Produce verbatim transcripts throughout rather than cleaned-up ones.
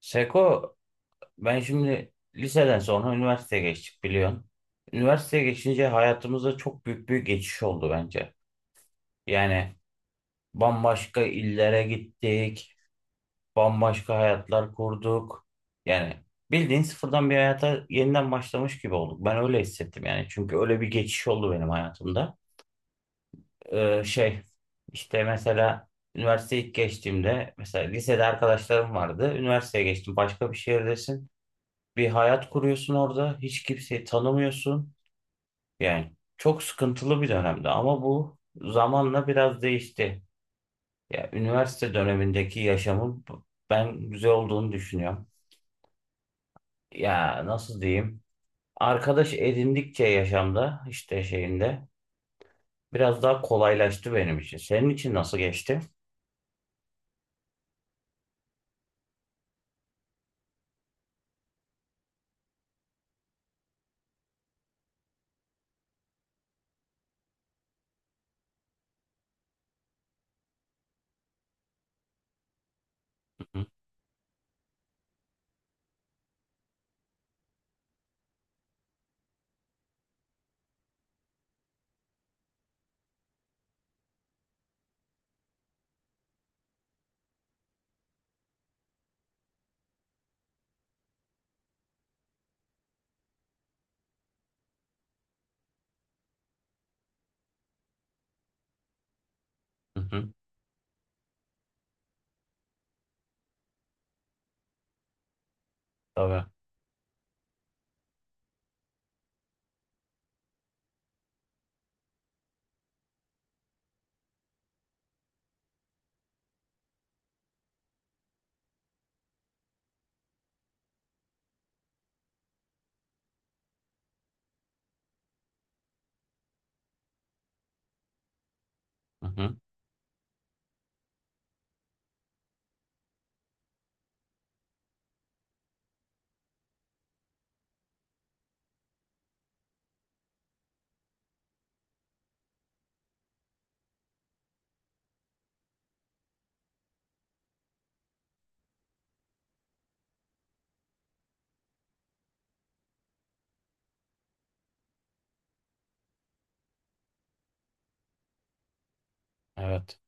Seko, ben şimdi liseden sonra üniversiteye geçtik biliyorsun. Üniversiteye geçince hayatımızda çok büyük bir geçiş oldu bence. Yani bambaşka illere gittik, bambaşka hayatlar kurduk. Yani bildiğin sıfırdan bir hayata yeniden başlamış gibi olduk. Ben öyle hissettim yani. Çünkü öyle bir geçiş oldu benim hayatımda. Ee, şey, işte mesela üniversiteye ilk geçtiğimde, mesela lisede arkadaşlarım vardı. Üniversiteye geçtim, başka bir şehirdesin. Bir hayat kuruyorsun orada. Hiç kimseyi tanımıyorsun. Yani çok sıkıntılı bir dönemdi ama bu zamanla biraz değişti. Ya üniversite dönemindeki yaşamım ben güzel olduğunu düşünüyorum. Ya nasıl diyeyim? Arkadaş edindikçe yaşamda işte şeyinde biraz daha kolaylaştı benim için. Senin için nasıl geçti? Hı hı. Hı hı. Tabii. Hı hı. Evet.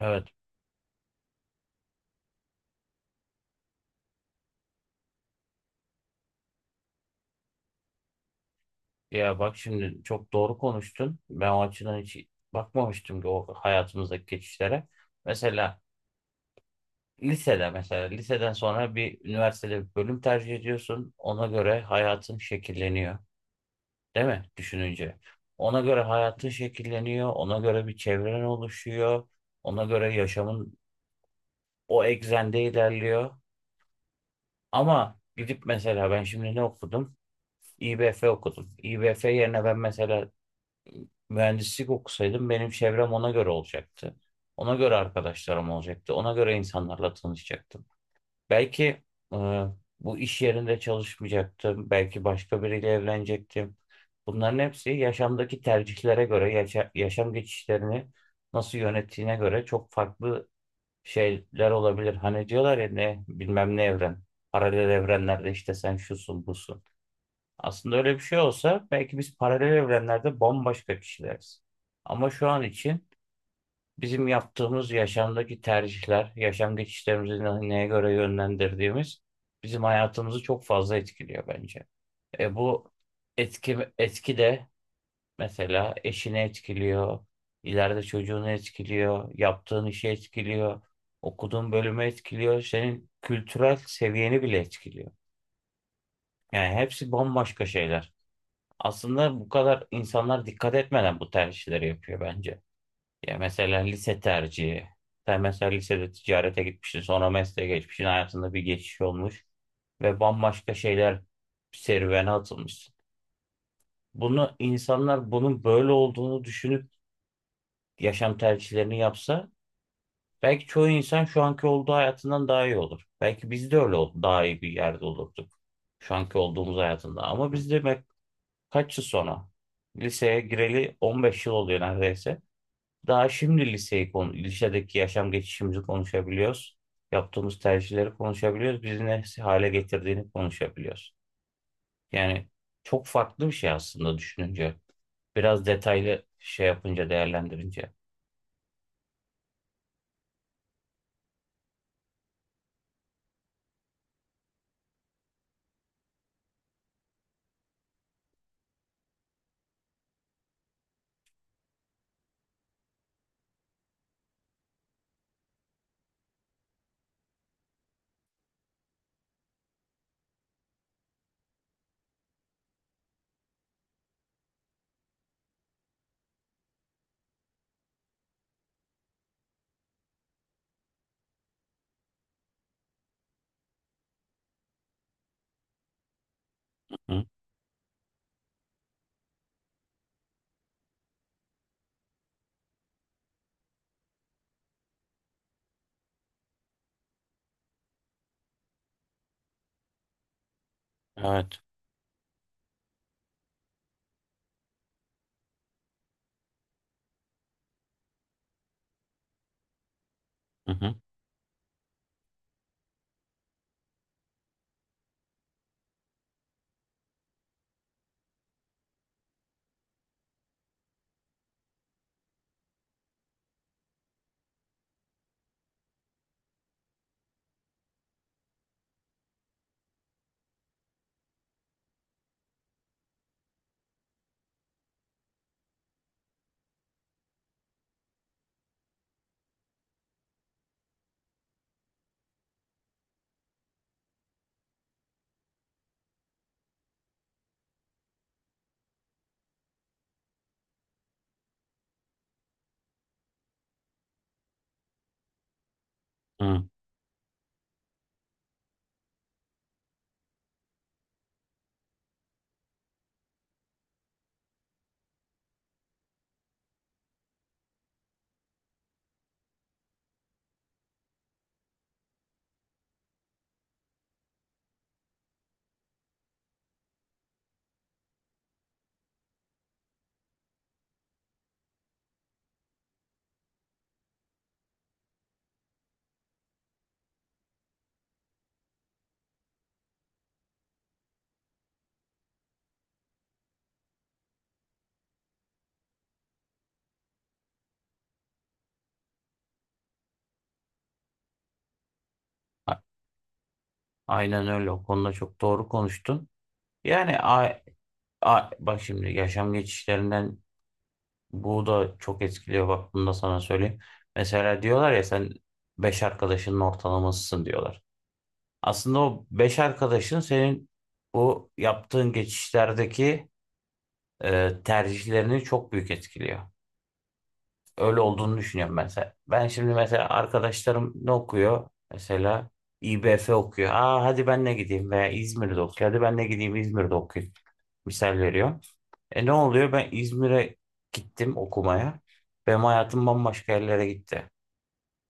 Evet. Ya bak şimdi çok doğru konuştun. Ben o açıdan hiç bakmamıştım ki o hayatımızdaki geçişlere. Mesela lisede mesela liseden sonra bir üniversitede bir bölüm tercih ediyorsun. Ona göre hayatın şekilleniyor. Değil mi? Düşününce. Ona göre hayatın şekilleniyor. Ona göre bir çevren oluşuyor. Ona göre yaşamın o eksende ilerliyor. Ama gidip mesela ben şimdi ne okudum? İ B F okudum. İ B F yerine ben mesela mühendislik okusaydım benim çevrem ona göre olacaktı. Ona göre arkadaşlarım olacaktı. Ona göre insanlarla tanışacaktım. Belki e, bu iş yerinde çalışmayacaktım. Belki başka biriyle evlenecektim. Bunların hepsi yaşamdaki tercihlere göre, yaşa- yaşam geçişlerini nasıl yönettiğine göre çok farklı şeyler olabilir. Hani diyorlar ya ne bilmem ne evren. Paralel evrenlerde işte sen şusun busun. Aslında öyle bir şey olsa belki biz paralel evrenlerde bambaşka kişileriz. Ama şu an için bizim yaptığımız yaşamdaki tercihler, yaşam geçişlerimizi ne- neye göre yönlendirdiğimiz bizim hayatımızı çok fazla etkiliyor bence. E bu etki, etki de mesela eşini etkiliyor, ileride çocuğunu etkiliyor, yaptığın işi etkiliyor, okuduğun bölümü etkiliyor, senin kültürel seviyeni bile etkiliyor. Yani hepsi bambaşka şeyler. Aslında bu kadar insanlar dikkat etmeden bu tercihleri yapıyor bence. Ya mesela lise tercihi. Sen mesela lisede ticarete gitmişsin, sonra mesleğe geçmişsin, hayatında bir geçiş olmuş ve bambaşka şeyler serüvene atılmışsın. Bunu insanlar bunun böyle olduğunu düşünüp yaşam tercihlerini yapsa belki çoğu insan şu anki olduğu hayatından daha iyi olur. Belki biz de öyle ol- daha iyi bir yerde olurduk şu anki olduğumuz hayatında. Ama biz de kaç yıl sonra? Liseye gireli on beş yıl oluyor neredeyse. Daha şimdi liseyi konu, lisedeki yaşam geçişimizi konuşabiliyoruz. Yaptığımız tercihleri konuşabiliyoruz. Bizi ne hale getirdiğini konuşabiliyoruz. Yani çok farklı bir şey aslında düşününce. Biraz detaylı şey yapınca, değerlendirince. Hı? Evet. Hı hı. Hı. A- Aynen öyle. O konuda çok doğru konuştun. Yani a, a- bak şimdi yaşam geçişlerinden bu da çok etkiliyor, bak bunu da sana söyleyeyim. Mesela diyorlar ya sen beş arkadaşının ortalamasısın diyorlar. Aslında o beş arkadaşın senin bu yaptığın geçişlerdeki e, tercihlerini çok büyük etkiliyor. Öyle olduğunu düşünüyorum ben. Sen- Ben şimdi mesela arkadaşlarım ne okuyor? Mesela İ B F okuyor. Aa hadi ben ne gideyim veya İzmir'de okuyor. Hadi ben ne gideyim İzmir'de okuyayım. Misal veriyorum. E ne oluyor? Ben İzmir'e gittim okumaya. Benim hayatım bambaşka yerlere gitti.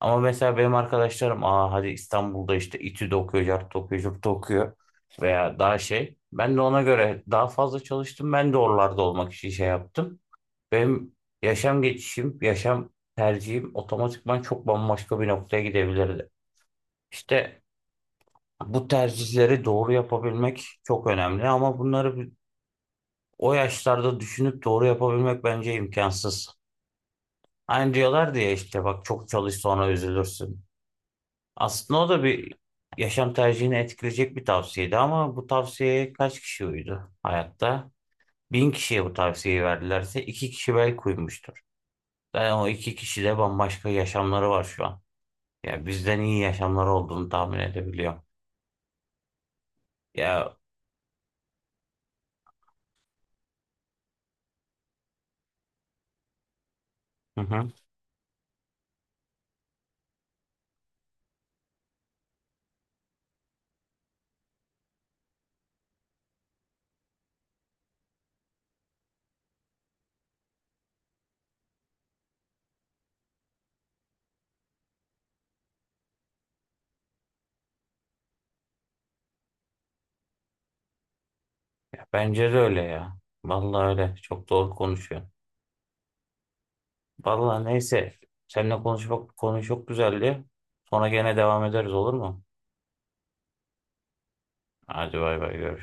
Ama mesela benim arkadaşlarım aa hadi İstanbul'da işte İ T Ü'de okuyor, C E R T'te okuyor, C U R T'ta okuyor veya daha şey. Ben de ona göre daha fazla çalıştım. Ben de oralarda olmak için şey yaptım. Benim yaşam geçişim, yaşam tercihim otomatikman çok bambaşka bir noktaya gidebilirdi. İşte bu tercihleri doğru yapabilmek çok önemli ama bunları bir- o yaşlarda düşünüp doğru yapabilmek bence imkansız. Aynı diyorlar diye işte bak çok çalış sonra üzülürsün. Aslında o da bir yaşam tercihini etkileyecek bir tavsiyeydi ama bu tavsiyeye kaç kişi uydu hayatta? Bin kişiye bu tavsiyeyi verdilerse iki kişi belki uymuştur. Yani o iki kişi de bambaşka yaşamları var şu an. Ya bizden iyi yaşamları olduğunu tahmin edebiliyorum. Ya, hı hı. Ya bence de öyle ya. Vallahi öyle. Çok doğru konuşuyor. Vallahi neyse. Seninle konuşmak konu çok güzeldi. Sonra gene devam ederiz, olur mu? Hadi bay bay, görüşürüz.